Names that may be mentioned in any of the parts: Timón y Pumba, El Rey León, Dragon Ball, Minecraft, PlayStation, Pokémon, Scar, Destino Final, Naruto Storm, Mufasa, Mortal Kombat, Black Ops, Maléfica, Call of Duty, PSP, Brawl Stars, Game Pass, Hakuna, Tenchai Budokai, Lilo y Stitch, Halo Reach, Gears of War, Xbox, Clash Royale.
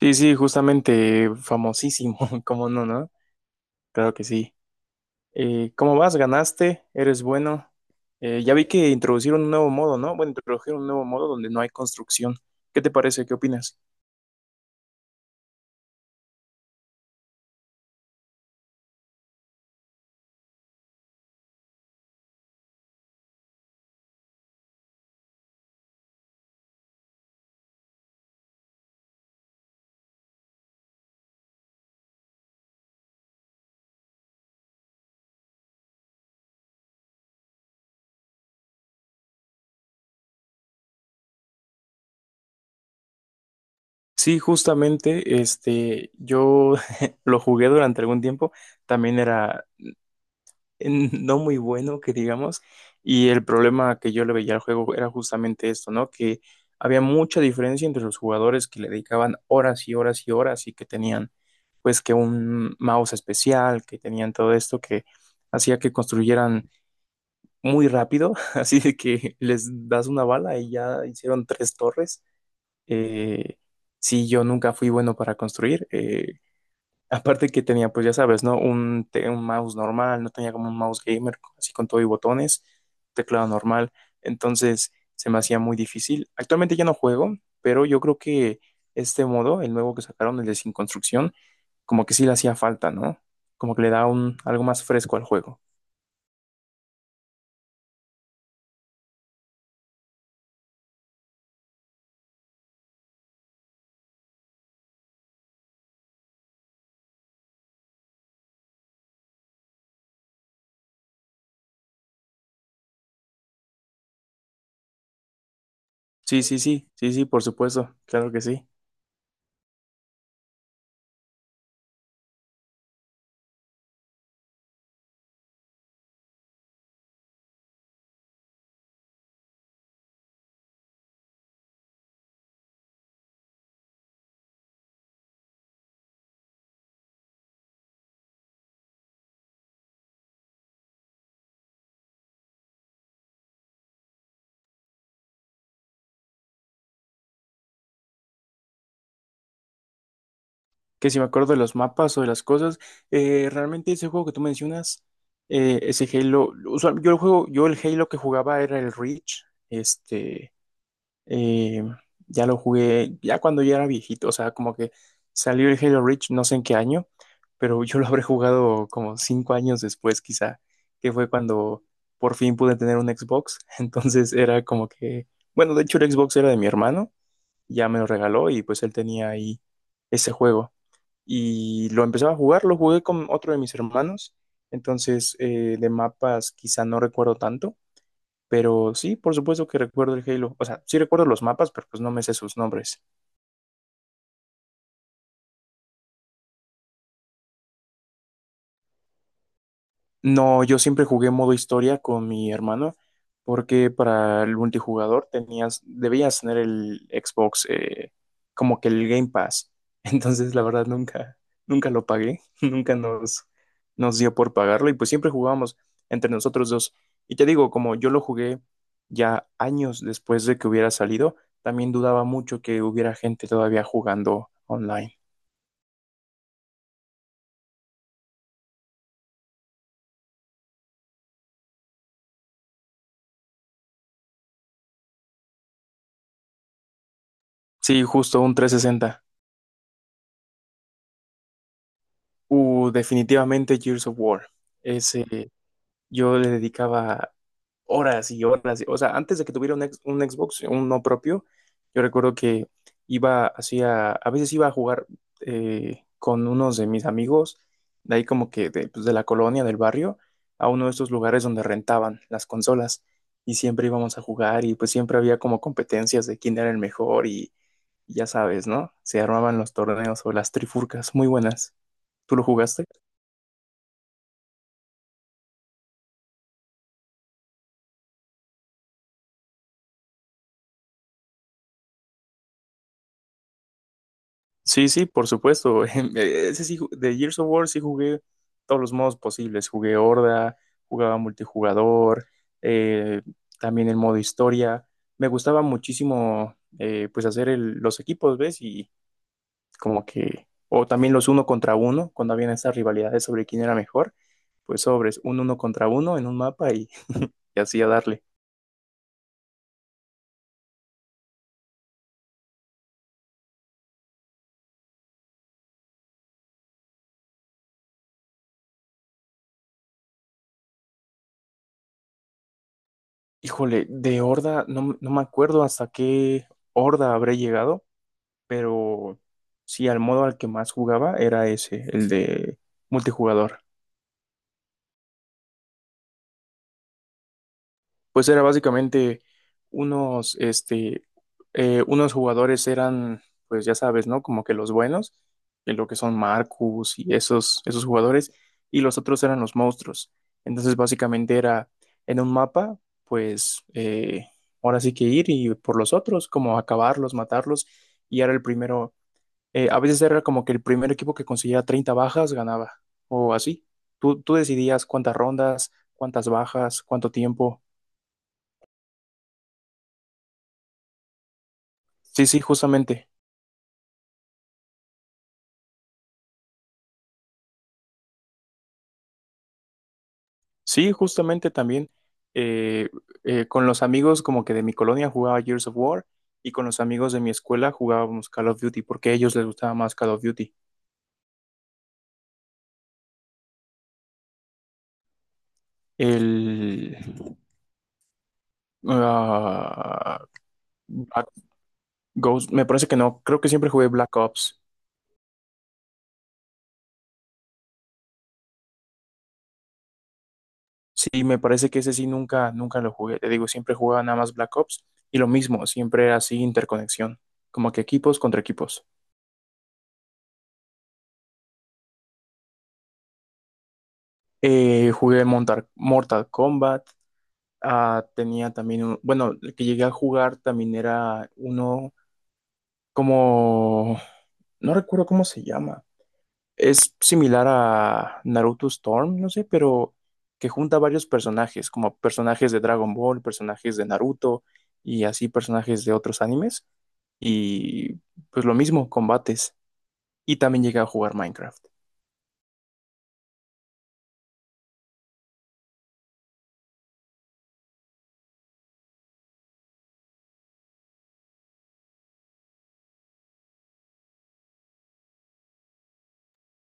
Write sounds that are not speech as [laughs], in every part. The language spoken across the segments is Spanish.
Sí, sí, justamente famosísimo, [laughs] ¿cómo no, no? Claro que sí. ¿Cómo vas? ¿Ganaste? ¿Eres bueno? Ya vi que introducieron un nuevo modo, ¿no? Bueno, introdujeron un nuevo modo donde no hay construcción. ¿Qué te parece? ¿Qué opinas? Sí, justamente, yo [laughs] lo jugué durante algún tiempo. También era no muy bueno, que digamos, y el problema que yo le veía al juego era justamente esto, ¿no? Que había mucha diferencia entre los jugadores que le dedicaban horas y horas y horas y que tenían pues que un mouse especial, que tenían todo esto que hacía que construyeran muy rápido, [laughs] así de que les das una bala y ya hicieron tres torres. Eh, sí, yo nunca fui bueno para construir, aparte que tenía, pues ya sabes, ¿no? Un mouse normal, no tenía como un mouse gamer, así con todo y botones, teclado normal. Entonces se me hacía muy difícil. Actualmente ya no juego, pero yo creo que este modo, el nuevo que sacaron, el de sin construcción, como que sí le hacía falta, ¿no? Como que le da un, algo más fresco al juego. Sí, sí, sí, sí, sí, por supuesto, claro que sí. Que si me acuerdo de los mapas o de las cosas, realmente ese juego que tú mencionas, ese Halo, yo el Halo que jugaba era el Reach, eh, ya lo jugué, ya cuando ya era viejito, o sea, como que salió el Halo Reach, no sé en qué año, pero yo lo habré jugado como 5 años después quizá, que fue cuando por fin pude tener un Xbox, [laughs] entonces era como que, bueno, de hecho el Xbox era de mi hermano, ya me lo regaló y pues él tenía ahí ese juego y lo empezaba a jugar, lo jugué con otro de mis hermanos, entonces de mapas quizá no recuerdo tanto, pero sí, por supuesto que recuerdo el Halo, o sea, sí recuerdo los mapas, pero pues no me sé sus nombres. No, yo siempre jugué modo historia con mi hermano, porque para el multijugador tenías, debías tener el Xbox, como que el Game Pass. [laughs] Entonces, la verdad, nunca, nunca lo pagué, [laughs] nunca nos dio por pagarlo, y pues siempre jugábamos entre nosotros dos. Y te digo, como yo lo jugué ya años después de que hubiera salido, también dudaba mucho que hubiera gente todavía jugando online. Sí, justo un 360. Definitivamente Gears of War. Ese yo le dedicaba horas y horas. O sea, antes de que tuviera un Xbox, uno propio, yo recuerdo que iba, hacía, a veces iba a jugar con unos de mis amigos, de ahí como que de la colonia, del barrio, a uno de estos lugares donde rentaban las consolas. Y siempre íbamos a jugar y pues siempre había como competencias de quién era el mejor y ya sabes, ¿no? Se armaban los torneos o las trifurcas, muy buenas. ¿Tú lo jugaste? Sí, sí, por supuesto. [laughs] Ese sí, de Gears of War sí jugué todos los modos posibles. Jugué Horda, jugaba multijugador, eh, también el modo historia. Me gustaba muchísimo, pues, hacer los equipos, ¿ves? Y como que, o también los uno contra uno, cuando habían esas rivalidades sobre quién era mejor, pues sobres, un uno contra uno en un mapa y, [laughs] y así a darle. Híjole, de Horda, no, no me acuerdo hasta qué Horda habré llegado, pero sí, al modo al que más jugaba era ese, el de multijugador. Pues era básicamente unos, este, unos jugadores eran, pues ya sabes, ¿no? Como que los buenos, que lo que son Marcus y esos, esos jugadores, y los otros eran los monstruos. Entonces básicamente era en un mapa, pues ahora sí que ir y por los otros, como acabarlos, matarlos, y era el primero. A veces era como que el primer equipo que consiguiera 30 bajas ganaba, o así. Tú decidías cuántas rondas, cuántas bajas, cuánto tiempo. Sí, sí, justamente. Sí, justamente también eh, con los amigos como que de mi colonia jugaba Gears of War y con los amigos de mi escuela jugábamos Call of Duty porque a ellos les gustaba más Call of Duty. El... ah, Black Ghost, me parece que no, creo que siempre jugué Black Ops. Sí, me parece que ese sí nunca, nunca lo jugué. Te digo, siempre jugaba nada más Black Ops y lo mismo, siempre era así interconexión, como que equipos contra equipos. Jugué Mortal Kombat, ah, tenía también un, bueno, el que llegué a jugar también era uno como, no recuerdo cómo se llama, es similar a Naruto Storm, no sé, pero que junta varios personajes, como personajes de Dragon Ball, personajes de Naruto y así personajes de otros animes. Y pues lo mismo, combates. Y también llega a jugar Minecraft.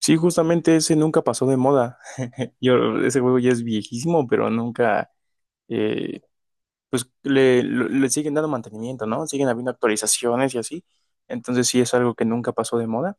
Sí, justamente ese nunca pasó de moda. [laughs] Yo, ese juego ya es viejísimo, pero nunca, eh, pues le siguen dando mantenimiento, ¿no? Siguen habiendo actualizaciones y así. Entonces sí es algo que nunca pasó de moda.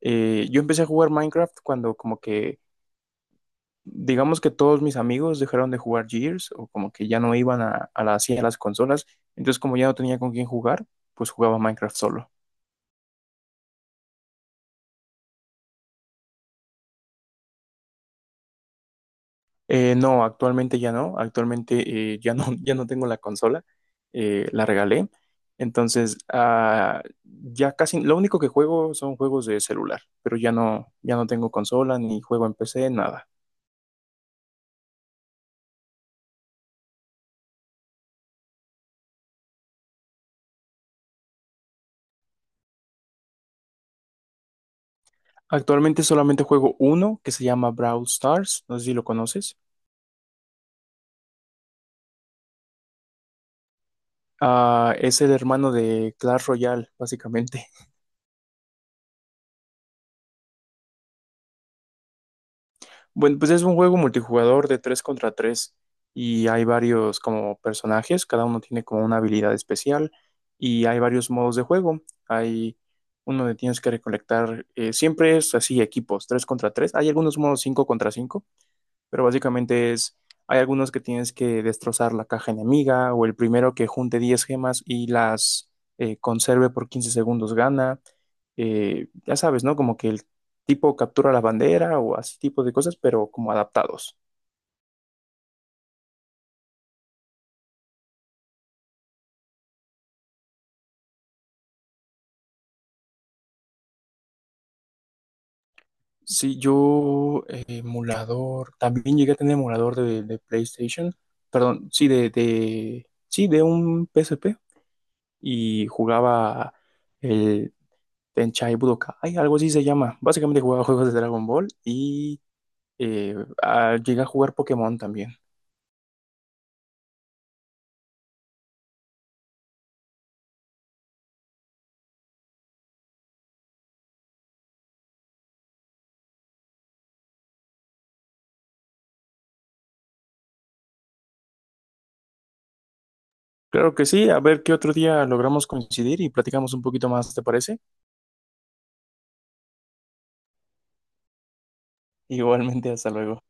Yo empecé a jugar Minecraft cuando como que, digamos que todos mis amigos dejaron de jugar Gears o como que ya no iban a las consolas, entonces como ya no tenía con quién jugar, pues jugaba Minecraft solo. No, actualmente ya no, actualmente ya no, [laughs] ya no tengo la consola, la regalé, entonces ah, ya casi, lo único que juego son juegos de celular, pero ya no, ya no tengo consola ni juego en PC, nada. Actualmente solamente juego uno que se llama Brawl Stars, no sé si lo conoces. Ah, es el hermano de Clash Royale, básicamente. [laughs] Bueno, pues es un juego multijugador de 3 contra 3 y hay varios como personajes, cada uno tiene como una habilidad especial y hay varios modos de juego. Hay uno donde tienes que recolectar, siempre es así, equipos 3 contra tres. Hay algunos modos 5 contra cinco, pero básicamente es, hay algunos que tienes que destrozar la caja enemiga o el primero que junte 10 gemas y las conserve por 15 segundos gana. Ya sabes, ¿no? Como que el tipo captura la bandera o así tipo de cosas, pero como adaptados. Sí, yo emulador, también llegué a tener emulador de PlayStation, perdón, sí, sí, de un PSP y jugaba el Tenchai Budokai, algo así se llama. Básicamente jugaba juegos de Dragon Ball y eh, llegué a jugar Pokémon también. Claro que sí, a ver qué otro día logramos coincidir y platicamos un poquito más, ¿te parece? Igualmente, hasta luego.